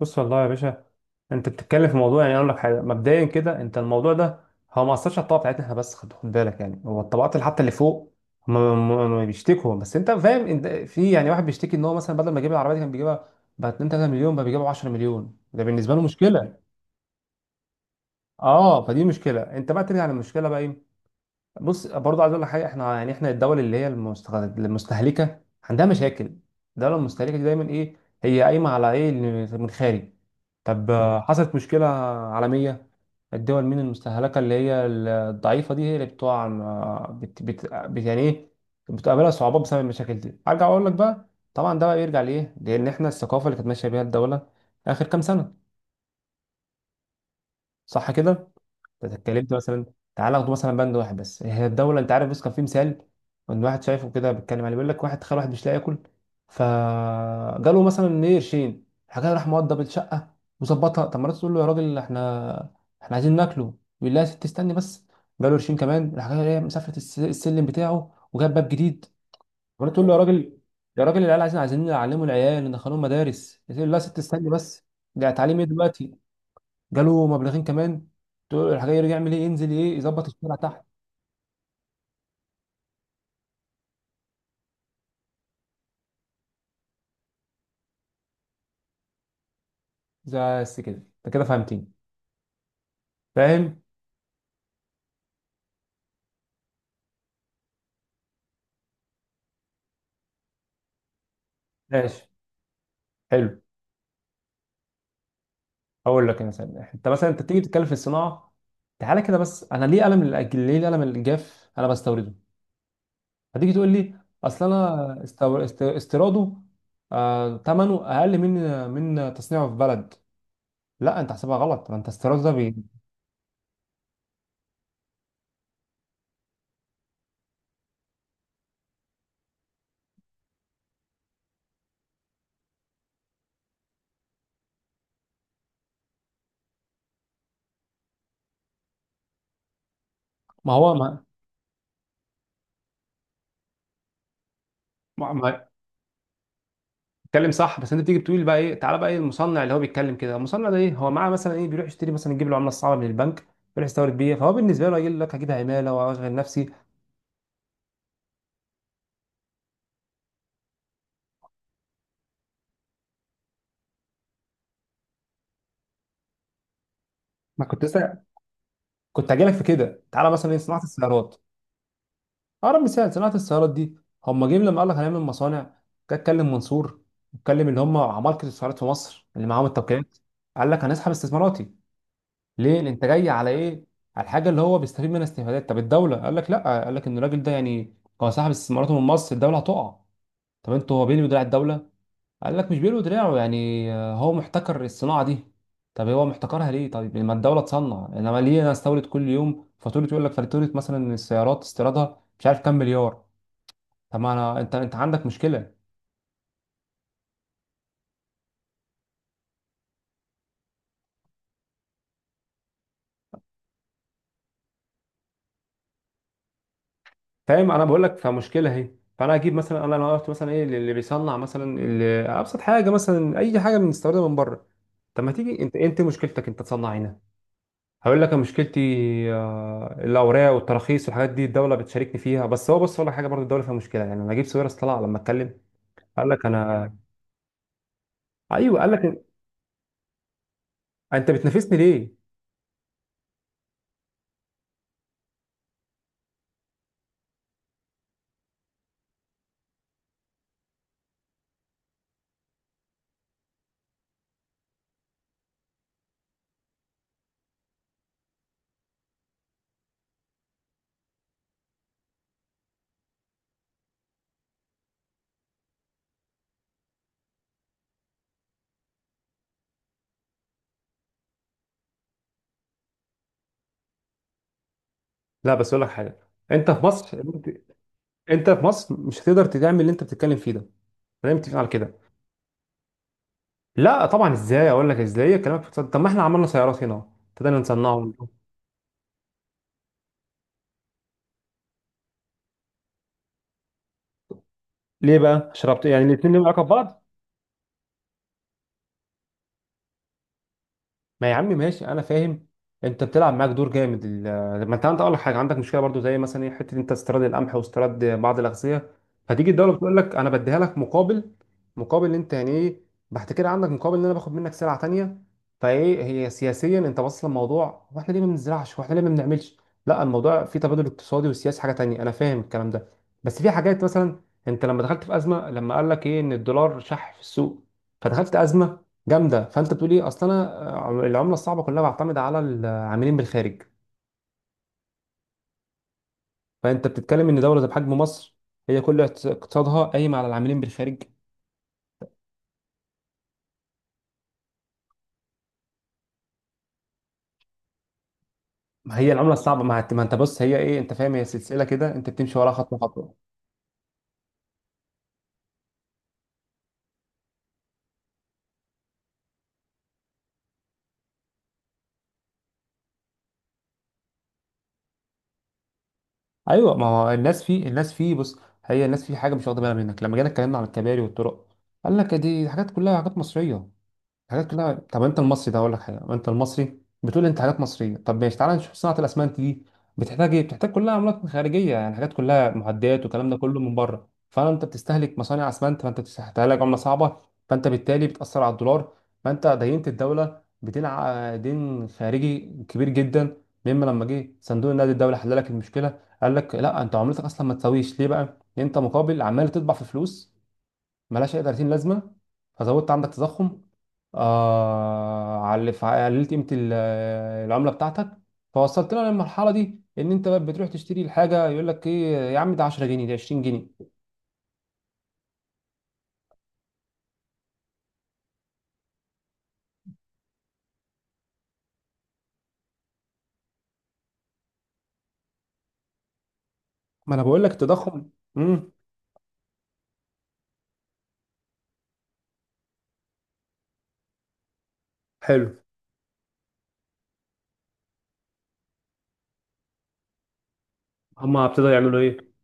بص والله يا باشا، انت بتتكلم في موضوع. يعني اقول لك حاجه مبدئيا كده، انت الموضوع ده هو ما اثرش على الطبقه بتاعتنا احنا، بس خد بالك. يعني هو الطبقات اللي حتى اللي فوق، هم هم بيشتكوا. بس انت فاهم، انت في يعني واحد بيشتكي ان هو مثلا بدل ما يجيب العربيه دي كان بيجيبها ب 2 3 مليون، بقى بيجيبها 10 مليون، ده بالنسبه له مشكله. اه، فدي مشكله. انت بقى ترجع للمشكله بقى ايه؟ بص برضه عايز اقول لك حاجه، احنا يعني احنا الدول اللي هي المستهلكه عندها مشاكل. الدوله المستهلكه دي دايما ايه؟ هي قايمه على ايه؟ اللي من الخارج. طب حصلت مشكله عالميه. الدول مين المستهلكه اللي هي الضعيفه دي، هي اللي بتقع يعني ايه، بتقابلها صعوبات بسبب المشاكل دي. ارجع اقول لك بقى، طبعا ده بقى بيرجع لايه، لان احنا الثقافه اللي كانت ماشيه بيها الدوله اخر كام سنه. صح كده؟ انت اتكلمت مثلا. تعال اخد مثلا بند واحد بس، هي الدوله انت عارف، بص كان في مثال ان واحد شايفه كده بيتكلم عليه، بيقول لك واحد، تخيل واحد مش لاقي ياكل، فجاله مثلا ايه قرشين، راح جاي راح موضب الشقه وظبطها. طب مرات تقول له يا راجل احنا عايزين ناكله. يقول لها يا ست استني بس. جاله قرشين كمان، راح جاي ايه، مسافره السلم بتاعه وجاب باب جديد. مرات تقول له يا راجل، يا راجل العيال عايزين عايزين نعلموا العيال، ندخلهم مدارس. يقول لها يا ست استني بس. ده تعليم ايه دلوقتي؟ جاله مبلغين كمان، تقول له راح جاي رجع يعمل ايه، ينزل ايه، يظبط الشارع تحت. زي بس كده، انت كده فهمتني. فاهم. ماشي، حلو. هقول لك مثلا، انت مثلا انت تيجي تتكلم في الصناعه. تعالى كده بس، انا ليه قلم ليه القلم الجاف انا بستورده؟ هتيجي تقول لي اصل انا استيراده. ثمنه اقل من تصنيعه في بلد. لا انت حسبها غلط، ما انت استيراده ده ما هو ما... ما... بتتكلم صح، بس انت بتيجي بتقول بقى ايه، تعالى بقى ايه المصنع اللي هو بيتكلم كده؟ المصنع ده ايه هو معاه مثلا ايه، بيروح يشتري مثلا، يجيب له عمله صعبه من البنك، يروح يستورد بيها، فهو بالنسبه له يقول لك هجيب عماله واشغل نفسي. ما كنت لسه، كنت هجي لك في كده، تعالى مثلا ايه صناعه السيارات. اقرب مثال صناعه السيارات دي. هم جايين لما قال لك هنعمل مصانع، جه اتكلم منصور، اتكلم اللي هم عمالقه السيارات في مصر اللي معاهم التوكيلات، قال لك هنسحب استثماراتي. ليه؟ لأن انت جاي على ايه، على الحاجه اللي هو بيستفيد منها استفادات. طب الدوله قال لك لا، قال لك ان الراجل ده يعني هو سحب استثماراته من مصر الدوله هتقع. طب انتوا، هو بيلوي دراع الدولة؟ قال لك مش بيلوي دراعه، يعني هو محتكر الصناعة دي. طب هو محتكرها ليه؟ طيب لما الدولة تصنع، انما ليه انا استورد؟ كل يوم فاتورة، يقول لك فاتورة مثلا السيارات استيرادها مش عارف كام مليار. طب ما انا، انت عندك مشكلة. فاهم، انا بقول لك فمشكلة اهي. فانا اجيب مثلا، انا لو قلت مثلا ايه اللي بيصنع مثلا اللي ابسط حاجة مثلا اي حاجة بنستوردها من بره. طب ما تيجي انت، انت مشكلتك انت تصنع هنا. هقول لك أنا مشكلتي الاوراق والتراخيص والحاجات دي الدوله بتشاركني فيها. بس هو بص اقول لك حاجه برضه، الدوله فيها مشكله يعني، نجيب ساويرس طلع لما اتكلم قال لك انا، ايوه قال لك: انت بتنافسني ليه؟ لا بس اقول لك حاجه، انت في مصر، انت في مصر مش هتقدر تعمل اللي انت بتتكلم فيه ده. خلينا متفقين على كده. لا طبعا، ازاي اقول لك ازاي كلامك اقتصاد. طب ما احنا عملنا سيارات هنا ابتدينا نصنعه. ليه بقى؟ شربت يعني، الاثنين لهم علاقه ببعض. ما يا عم ماشي انا فاهم. انت بتلعب معاك دور جامد، ما انت اقول لك حاجه، عندك مشكله برضو زي مثلا ايه، حته انت استيراد القمح واستيراد بعض الاغذيه، فتيجي الدوله بتقول لك انا بديها لك مقابل إن انت يعني ايه، بعد كده عندك مقابل ان انا باخد منك سلعه تانيه. فايه هي سياسيا، انت واصل الموضوع، واحنا ليه ما بنزرعش، واحنا ليه ما بنعملش. لا، الموضوع فيه تبادل اقتصادي وسياسي حاجه تانيه، انا فاهم الكلام ده. بس في حاجات مثلا، انت لما دخلت في ازمه، لما قال لك ايه ان الدولار شح في السوق فدخلت ازمه جامده، فانت بتقول ايه، اصل انا العمله الصعبه كلها بعتمد على العاملين بالخارج. فانت بتتكلم ان دوله زي بحجم مصر هي كل اقتصادها قايم على العاملين بالخارج. ما هي العمله الصعبه ما ما انت بص، هي ايه انت فاهم، هي سلسله كده انت بتمشي وراها خطوه خطوه. ايوه، ما هو الناس في بص، هي الناس في حاجه مش واخده بالها منك، لما جينا اتكلمنا عن الكباري والطرق قال لك دي حاجات كلها حاجات مصريه، حاجات كلها. طب انت المصري ده، اقول لك حاجه، انت المصري بتقول انت حاجات مصريه، طب ماشي تعالى نشوف صناعه الاسمنت دي. بتحتاج ايه؟ بتحتاج كلها عملات خارجيه، يعني حاجات كلها معدات والكلام ده كله من بره، فانت بتستهلك مصانع اسمنت، فانت بتستهلك عمله صعبه، فانت بالتالي بتاثر على الدولار، فانت دينت الدوله بدين دين خارجي كبير جدا، مما لما جه صندوق النقد الدولي حل لك المشكله قال لك لا، انت عملتك اصلا ما تساويش، ليه بقى، انت مقابل عمال تطبع في فلوس ملهاش اي 30 لازمه، فزودت عندك تضخم على قللت قيمه العمله بتاعتك، فوصلت لنا للمرحله دي، ان انت بقى بتروح تشتري الحاجه يقول لك ايه يا عم ده 10 جنيه، ده 20 جنيه. ما انا بقول لك التضخم. امم حلو. هما ابتدوا يعملوا ايه؟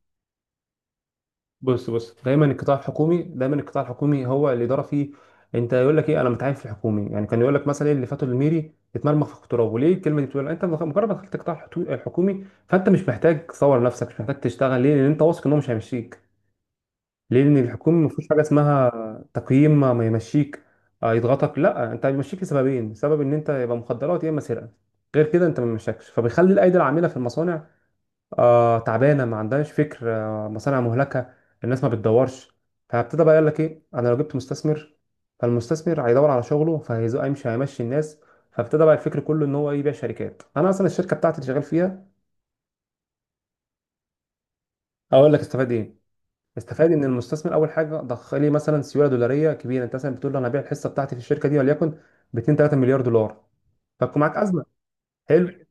بص، بص دايما القطاع الحكومي، دايما القطاع الحكومي هو الاداره فيه، انت يقول لك ايه انا متعين في الحكومي يعني، كان يقول لك مثلا إيه اللي فاتوا الميري اتمرمغ في التراب، وليه الكلمه دي بتقول انت مجرد ما دخلت القطاع الحكومي فانت مش محتاج تصور نفسك، مش محتاج تشتغل. ليه؟ لان انت واثق ان هو مش هيمشيك. ليه؟ لان الحكومه ما فيهوش حاجه اسمها تقييم، ما يمشيك يضغطك، لا، انت بيمشيك لسببين: سبب ان انت يبقى مخدرات يا اما سرقه، غير كده انت ما بيمشكش، فبيخلي الايدي العامله في المصانع تعبانه، ما عندهاش فكر، مصانع مهلكه، الناس ما بتدورش. فابتدى بقى يقول لك ايه، انا لو جبت مستثمر فالمستثمر هيدور على شغله، فهيمشي هيمشي الناس. فابتدى بقى الفكر كله ان هو إيه؟ يبيع شركات، انا اصلا الشركه بتاعتي اللي شغال فيها. اقول لك استفاد ايه؟ استفاد ان المستثمر اول حاجه ضخ لي مثلا سيوله دولاريه كبيره، انت مثلا بتقول له انا هبيع الحصه بتاعتي في الشركه دي وليكن ب 2 3 مليار دولار، فتكون معاك ازمه. حلو.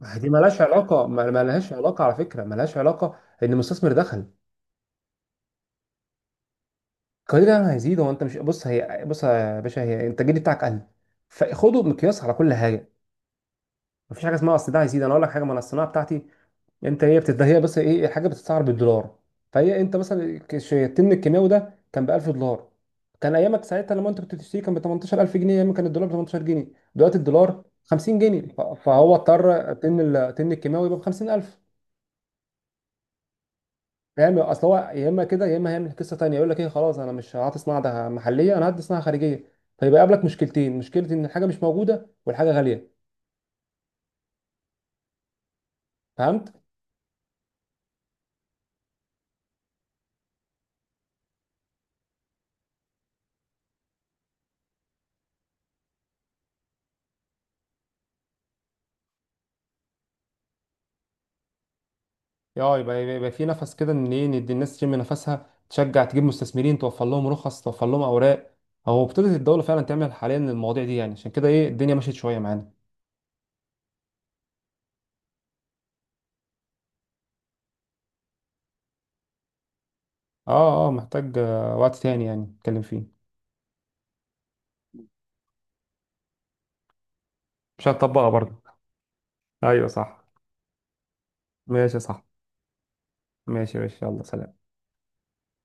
ما هي دي مالهاش علاقه، ما لهاش علاقه على فكره، ما لهاش علاقه ان المستثمر دخل. القليل ده هيزيد هو، انت مش بص، هي بص يا باشا، هي انت الجديد بتاعك قل، فخده مقياس على كل حاجه. مفيش حاجه اسمها اصل ده هيزيد، انا اقول لك حاجه ما انا الصناعه بتاعتي، انت هي هي بس ايه، الحاجه بتتسعر بالدولار، فهي انت مثلا التمن الكيماوي ده كان ب 1000 دولار، كان ايامك ساعتها لما انت كنت بتشتري كان ب 18000 جنيه، ايام كان الدولار ب 18 جنيه، دلوقتي الدولار 50 جنيه، فهو اضطر تمن تمن الكيماوي يبقى ب 50000. فاهم، اصل هو يا اما كده يا اما هيعمل قصه تانيه، يقول لك ايه خلاص، انا مش هعطي صناعه ده محليه، انا هدي صناعه خارجيه، فيبقى يقابلك مشكلتين، مشكله ان الحاجه مش موجوده والحاجه غاليه. فهمت. اه، يبقى في نفس كده ان ايه، ندي الناس تشم نفسها، تشجع تجيب مستثمرين، توفر لهم رخص، توفر لهم اوراق. هو ابتدت الدوله فعلا تعمل حاليا المواضيع دي، يعني عشان كده ايه الدنيا مشيت شويه معانا. اه، اه، محتاج وقت تاني يعني نتكلم فيه. مش هتطبقها برضه. ايوه، صح. ماشي، صح. ماشي، ماشي، يلا، سلام.